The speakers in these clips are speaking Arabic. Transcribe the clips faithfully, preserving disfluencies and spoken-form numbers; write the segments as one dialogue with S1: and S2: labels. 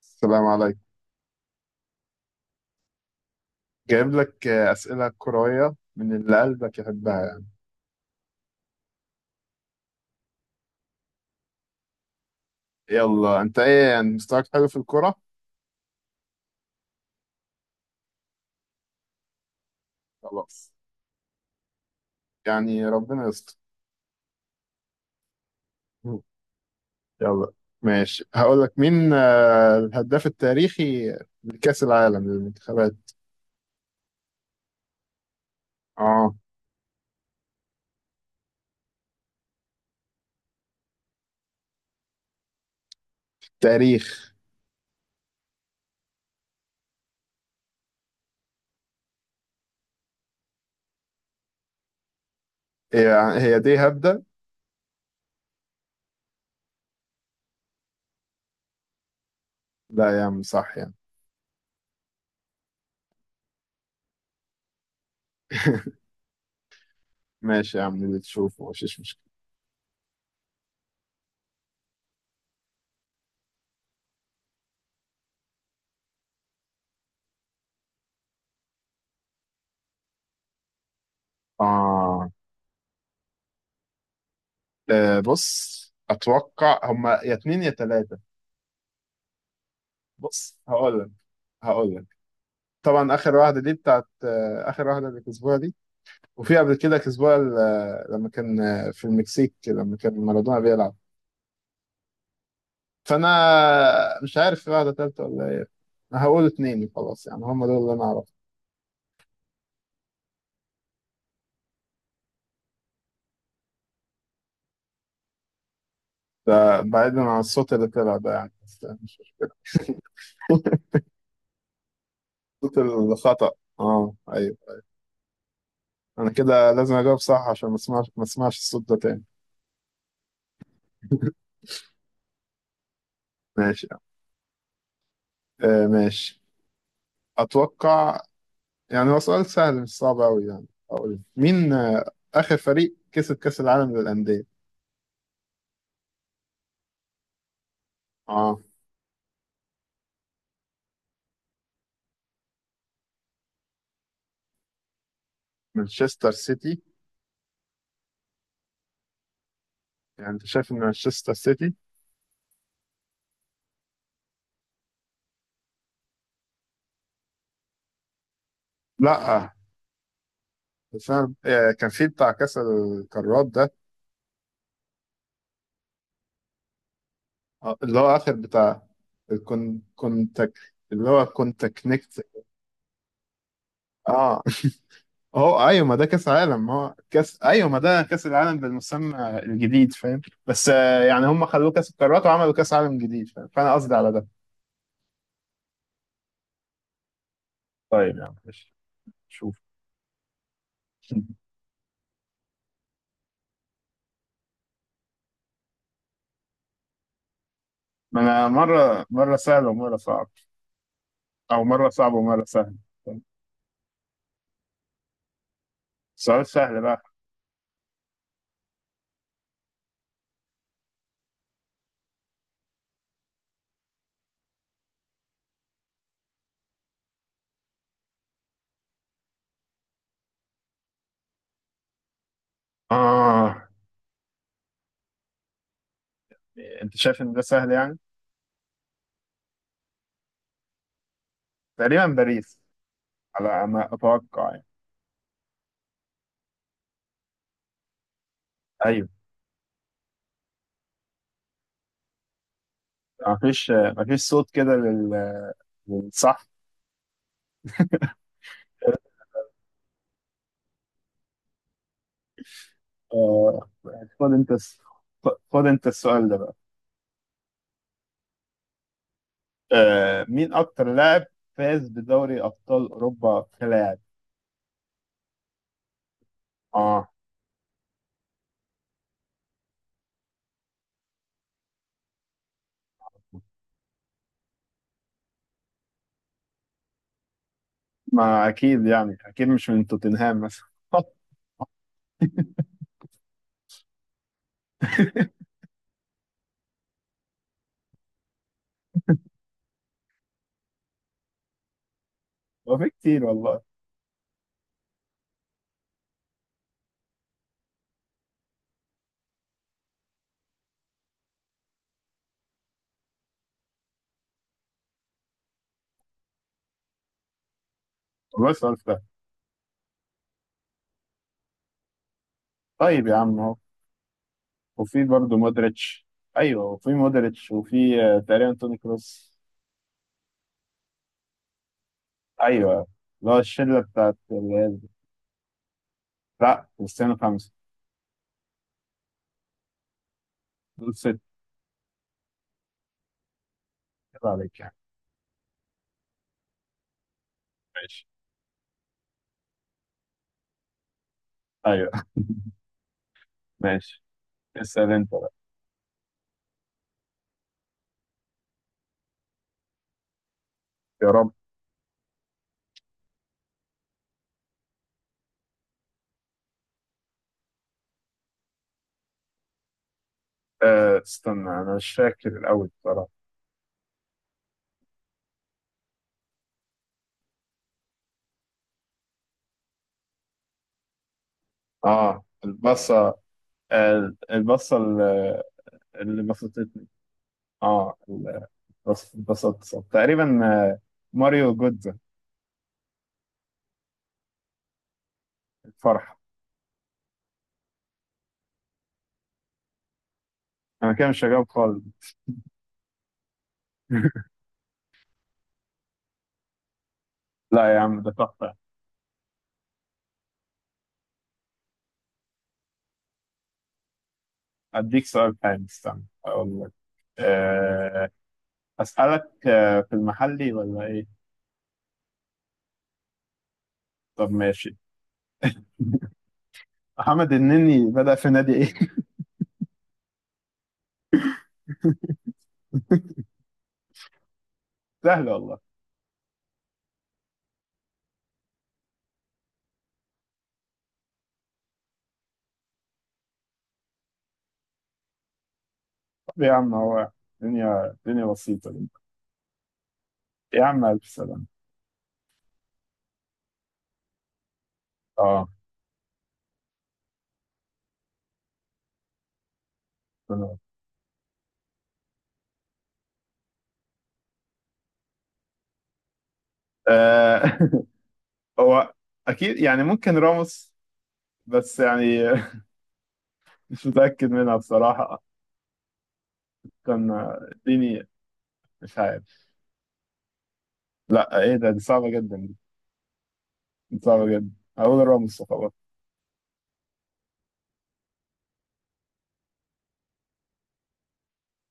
S1: السلام عليكم. جايب لك آه، أسئلة كروية من اللي قلبك يحبها يعني. يلا، أنت إيه يعني مستواك حلو في الكرة؟ خلاص. يعني ربنا يستر. يلا. ماشي، هقول لك مين آه، الهداف التاريخي لكأس العالم للمنتخبات. آه. تاريخ. هي. هي دي هبدة؟ لا يا عم، صح يعني. ماشي يا عم، اللي تشوفه مفيش مشكلة. آه. آه، بص، أتوقع هما يا اتنين يا تلاتة. بص هقول لك. هقول لك طبعا اخر واحده دي بتاعت آه، اخر واحده اللي كسبوها دي. وفي قبل كده كسبوها ال- آه، لما كان آه، في المكسيك لما كان مارادونا بيلعب. فانا مش عارف في واحده ثالثه ولا ايه. أنا هقول اتنين وخلاص، يعني هم دول اللي انا اعرفه. ده بعيدا عن الصوت اللي طلع ده يعني، بس يعني مش- صوت الخطأ. اه، ايوه. انا كده لازم اجاوب صح عشان ما اسمعش ما اسمعش الصوت ده تاني. ماشي. آه، ماشي. اتوقع. يعني هو سؤال سهل، مش صعب أوي يعني. أقول مين آه، آخر فريق كسب كأس العالم للأندية؟ آه، مانشستر سيتي. يعني أنت شايف إن مانشستر سيتي؟ لأ. بس أنا آه، كان في بتاع كأس القارات ده. آه، اللي هو آخر بتاع. الكون كونتاك، اللي هو كونتاكنكت. آه. هو أيوة، ما ده كأس عالم، ما هو كأس، أيوة ما ده كأس العالم بالمسمى الجديد فاهم. بس آه، يعني هم خلوه كأس القارات وعملوا كأس عالم جديد فاهم، فأنا قصدي على ده. طيب يا عم ماشي. شوف. ما انا مره مره سهل ومره صعب، او مره صعب ومره سهل. سؤال سهل بقى. اه. انت شايف ان ده سهل يعني. تقريبا باريس، على ما اتوقع يعني. ايوه. ما فيش ما فيش صوت كده لل- للصح. آه. خد انت الس- خد انت السؤال ده بقى. آه، مين اكتر لاعب فاز بدوري ابطال اوروبا كلاعب؟ اه. ما اكيد يعني، اكيد مش من توتنهام مثلا. هو في كتير والله. والله سؤال سهل. طيب يا عم. وفي برضه مودريتش. ايوه، وفي مودريتش، وفي آه، تقريبا توني كروس. ايوه. اللي هو الشله بتاعت الريال دي. لا، كريستيانو خمسه. دول ست. كده عليك يعني. ماشي. ايوه ماشي. اسال انت بقى. يا رب. آه، استنى انا مش فاكر الاول بصراحه. اه البصه. آه البصه اللي، اللي بسطتني. اه ال- بص- اتبسطت تقريبا. آه، ماريو جودز. الفرحه. انا كده مش هجاوب خالص. لا يا عم ده تحفه. أديك سؤال حلو، استنى أقول لك. أه. أسألك آه، في المحلي ولا إيه؟ طب ماشي. محمد النني بدأ في نادي إيه؟ سهل والله. طب يا عم هو. الدنيا الدنيا بسيطة دي. يا عم ألف سلامة. أه. تمام. آه. هو أكيد يعني، ممكن راموس، بس يعني مش متأكد منها بصراحة. كان اديني. مش عارف. لا إيه ده، دي صعبة جدا. دي صعبة جدا هقول راموس وخلاص.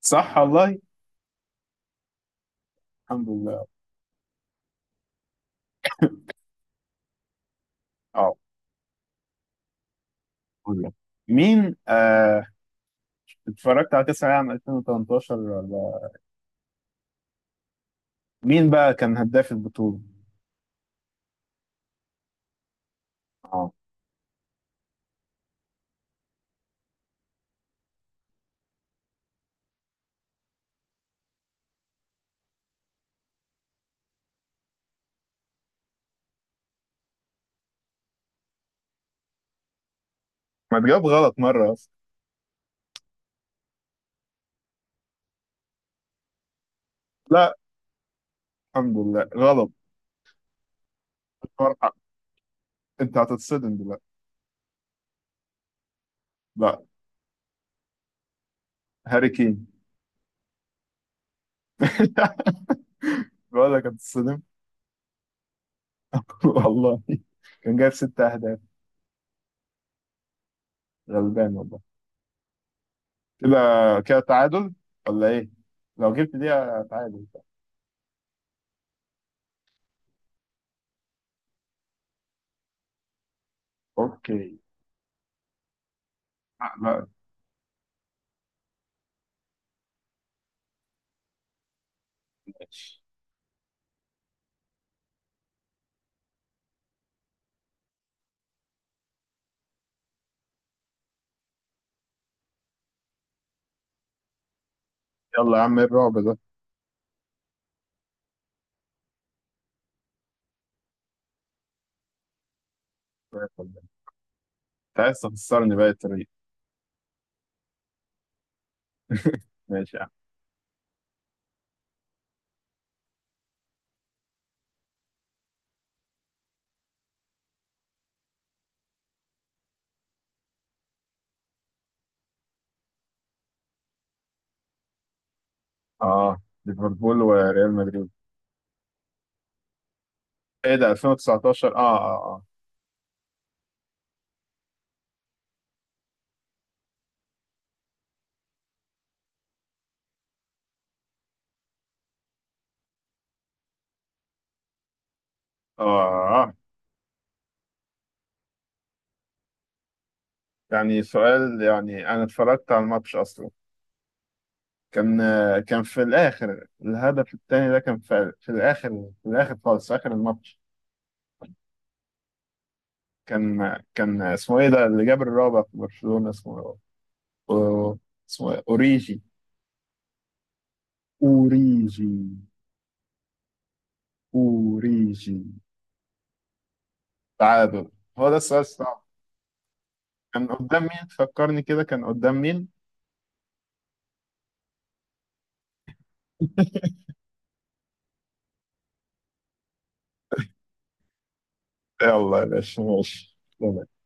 S1: صح والله. الحمد لله. اه. أقول لك. مين آه اتفرجت على كأس العالم ألفين وتمنتاشر ولا، مين بقى كان هداف البطولة؟ اه. ما تجاوب غلط مرة أصلا. لا. الحمد لله غلط. فرحة. أنت هتتصدم دلوقتي. لا. هاري كين. بقول لك هتتصدم. والله. كان جايب ست أهداف. غلبان والله. كده، كده تعادل ولا إيه؟ لو جبت دي تعادل. أوكي. آه، لا. يلا يا عم إيه الرعب ده؟ أنت عايز تخسرني بقى الطريق. ماشي. اه، ليفربول وريال مدريد. ايه ده، ألفين وتسعتاشر؟ اه، اه، اه، اه آه. يعني سؤال، يعني انا اتفرجت على الماتش اصلا. كان آه، كان في الاخر الهدف الثاني ده كان في, في الاخر، في الاخر خالص، في اخر الماتش. كان كان اسمه ايه ده اللي جاب الرابع في برشلونة اسمه. أو- اسمه إيه؟ اوريجي. اوريجي. اوريجي. تعادل. هو ده السؤال الصعب. كان قدام مين فكرني كده، كان قدام مين. يلا يا باشا ماشي.